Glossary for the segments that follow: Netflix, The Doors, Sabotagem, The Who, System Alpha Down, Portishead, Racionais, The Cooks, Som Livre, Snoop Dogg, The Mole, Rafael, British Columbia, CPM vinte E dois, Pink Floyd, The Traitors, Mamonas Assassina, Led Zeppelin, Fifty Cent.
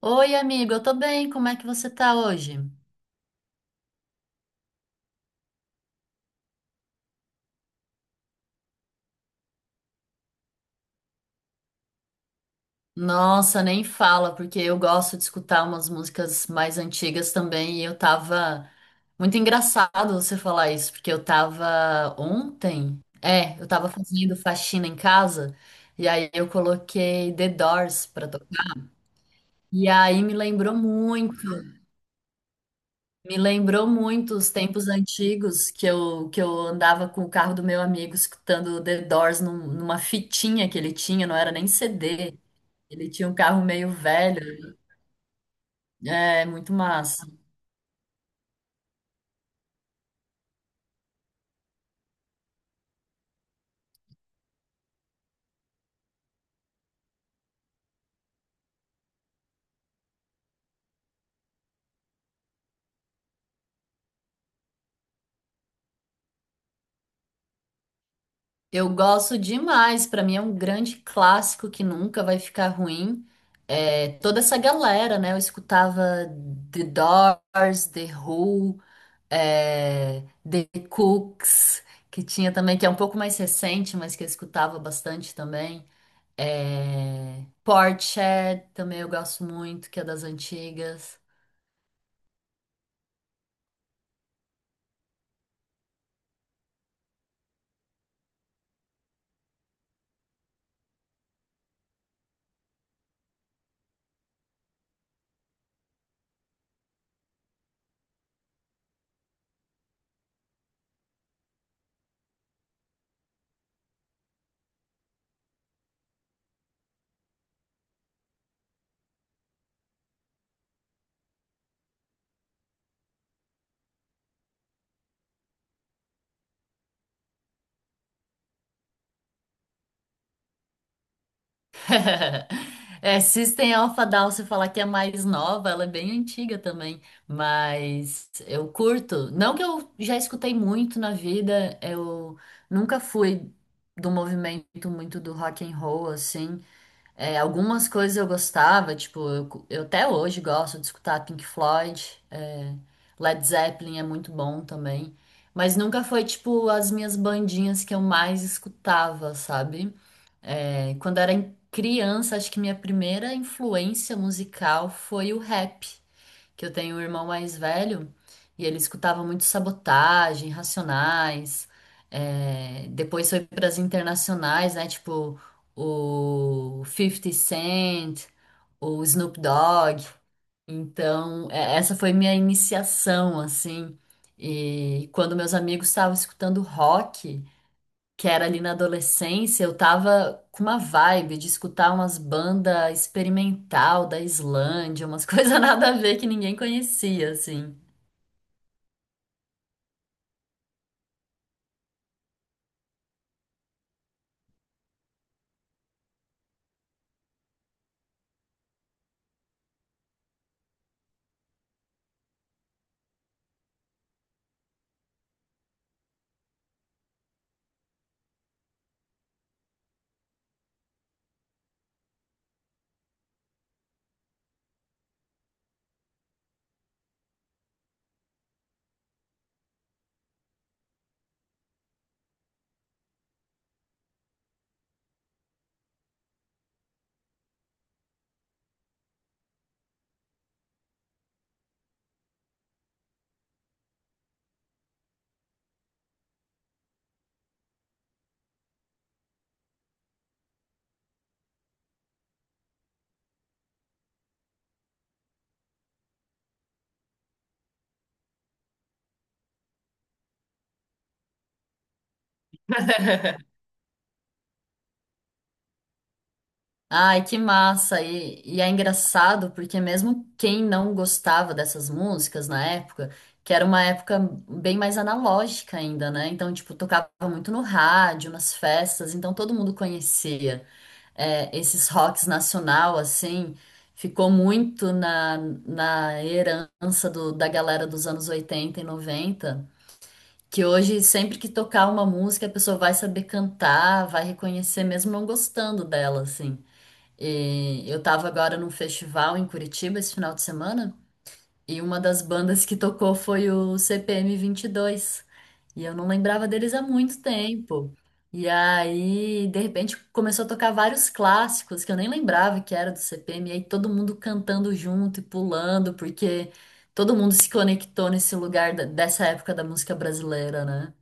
Oi, amigo, eu tô bem, como é que você tá hoje? Nossa, nem fala, porque eu gosto de escutar umas músicas mais antigas também, e eu tava. Muito engraçado você falar isso, porque eu tava ontem. É, eu tava fazendo faxina em casa, e aí eu coloquei The Doors pra tocar. E aí me lembrou muito. Me lembrou muito os tempos antigos que eu, andava com o carro do meu amigo escutando The Doors numa fitinha que ele tinha, não era nem CD. Ele tinha um carro meio velho. É, muito massa. Eu gosto demais, pra mim é um grande clássico que nunca vai ficar ruim. É, toda essa galera, né? Eu escutava The Doors, The Who, é, The Cooks, que tinha também, que é um pouco mais recente, mas que eu escutava bastante também. É, Portishead também eu gosto muito, que é das antigas. É, System Alpha Down, se falar que é mais nova, ela é bem antiga também, mas eu curto. Não que eu já escutei muito na vida, eu nunca fui do movimento muito do rock and roll assim. É, algumas coisas eu gostava, tipo, eu, eu até hoje gosto de escutar Pink Floyd, é, Led Zeppelin é muito bom também, mas nunca foi, tipo, as minhas bandinhas que eu mais escutava, sabe? É, quando era criança, acho que minha primeira influência musical foi o rap, que eu tenho um irmão mais velho e ele escutava muito Sabotagem, Racionais. É, depois foi para as internacionais, né? Tipo o Fifty Cent, o Snoop Dogg. Então, essa foi minha iniciação, assim. E quando meus amigos estavam escutando rock, que era ali na adolescência, eu tava com uma vibe de escutar umas bandas experimental da Islândia, umas coisas nada a ver que ninguém conhecia, assim. Ai, que massa! E é engraçado porque mesmo quem não gostava dessas músicas na época, que era uma época bem mais analógica ainda, né? Então, tipo, tocava muito no rádio, nas festas, então todo mundo conhecia. É, esses rocks nacional, assim, ficou muito na herança da galera dos anos 80 e 90, que hoje, sempre que tocar uma música, a pessoa vai saber cantar, vai reconhecer, mesmo não gostando dela, assim. E eu tava agora num festival em Curitiba esse final de semana, e uma das bandas que tocou foi o CPM22, e eu não lembrava deles há muito tempo. E aí, de repente, começou a tocar vários clássicos que eu nem lembrava que era do CPM. E aí todo mundo cantando junto e pulando, porque todo mundo se conectou nesse lugar dessa época da música brasileira, né?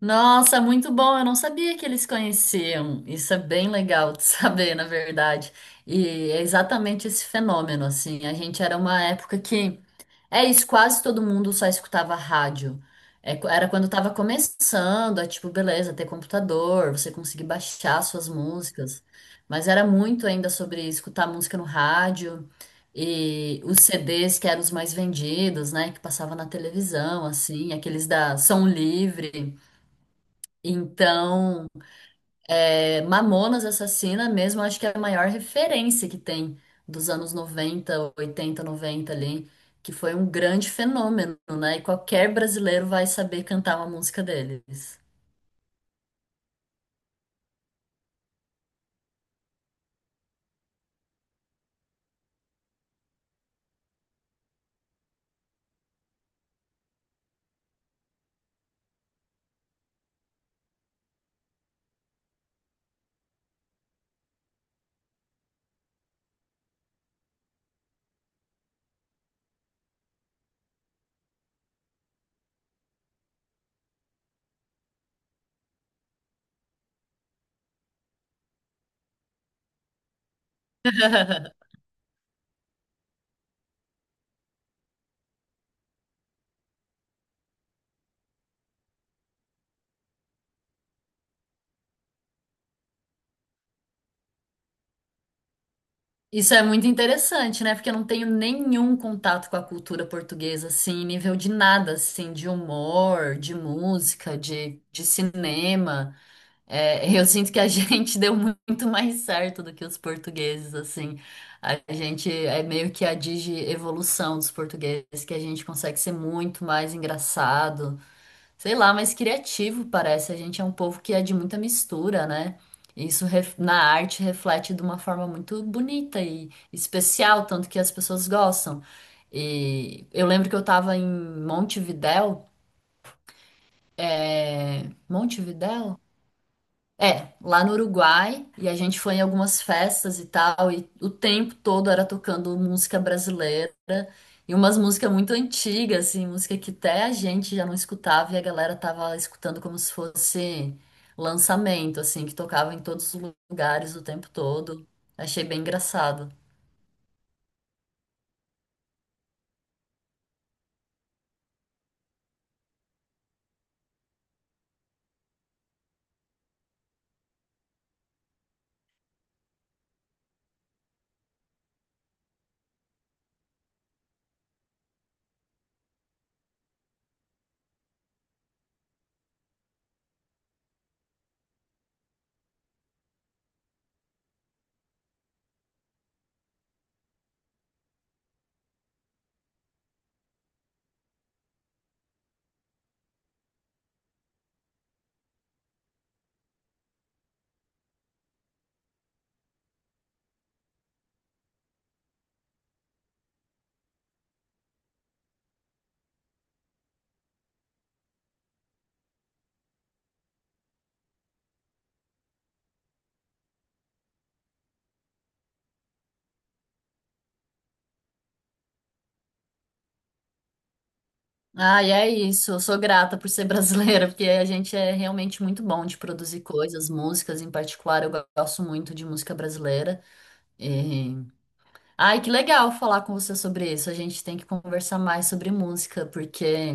Nossa, muito bom. Eu não sabia que eles conheciam. Isso é bem legal de saber, na verdade. E é exatamente esse fenômeno, assim. A gente era uma época que é isso, quase todo mundo só escutava rádio. É, era quando tava começando, é tipo, beleza, ter computador, você conseguir baixar suas músicas. Mas era muito ainda sobre escutar música no rádio, e os CDs que eram os mais vendidos, né? Que passava na televisão, assim, aqueles da Som Livre. Então, é, Mamonas Assassina mesmo, acho que é a maior referência que tem dos anos 90, 80, 90, ali, que foi um grande fenômeno, né? E qualquer brasileiro vai saber cantar uma música deles. Isso é muito interessante, né? Porque eu não tenho nenhum contato com a cultura portuguesa, assim, nível de nada, assim, de humor, de música, de cinema. É, eu sinto que a gente deu muito mais certo do que os portugueses, assim. A gente é meio que a digievolução dos portugueses, que a gente consegue ser muito mais engraçado, sei lá, mais criativo, parece. A gente é um povo que é de muita mistura, né? Isso na arte reflete de uma forma muito bonita e especial, tanto que as pessoas gostam. E eu lembro que eu tava em Montevidéu? É, lá no Uruguai, e a gente foi em algumas festas e tal, e o tempo todo era tocando música brasileira, e umas músicas muito antigas, assim, música que até a gente já não escutava, e a galera tava escutando como se fosse lançamento, assim, que tocava em todos os lugares o tempo todo. Achei bem engraçado. Ah, e é isso, eu sou grata por ser brasileira, porque a gente é realmente muito bom de produzir coisas, músicas em particular, eu gosto muito de música brasileira. eh, Ai, que legal falar com você sobre isso. A gente tem que conversar mais sobre música, porque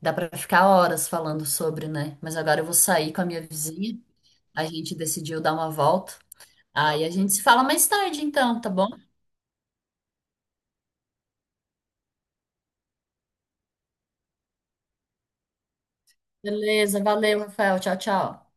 dá pra ficar horas falando sobre, né? Mas agora eu vou sair com a minha vizinha. A gente decidiu dar uma volta. Aí a gente se fala mais tarde, então, tá bom? Beleza, valeu, Rafael. Tchau, tchau.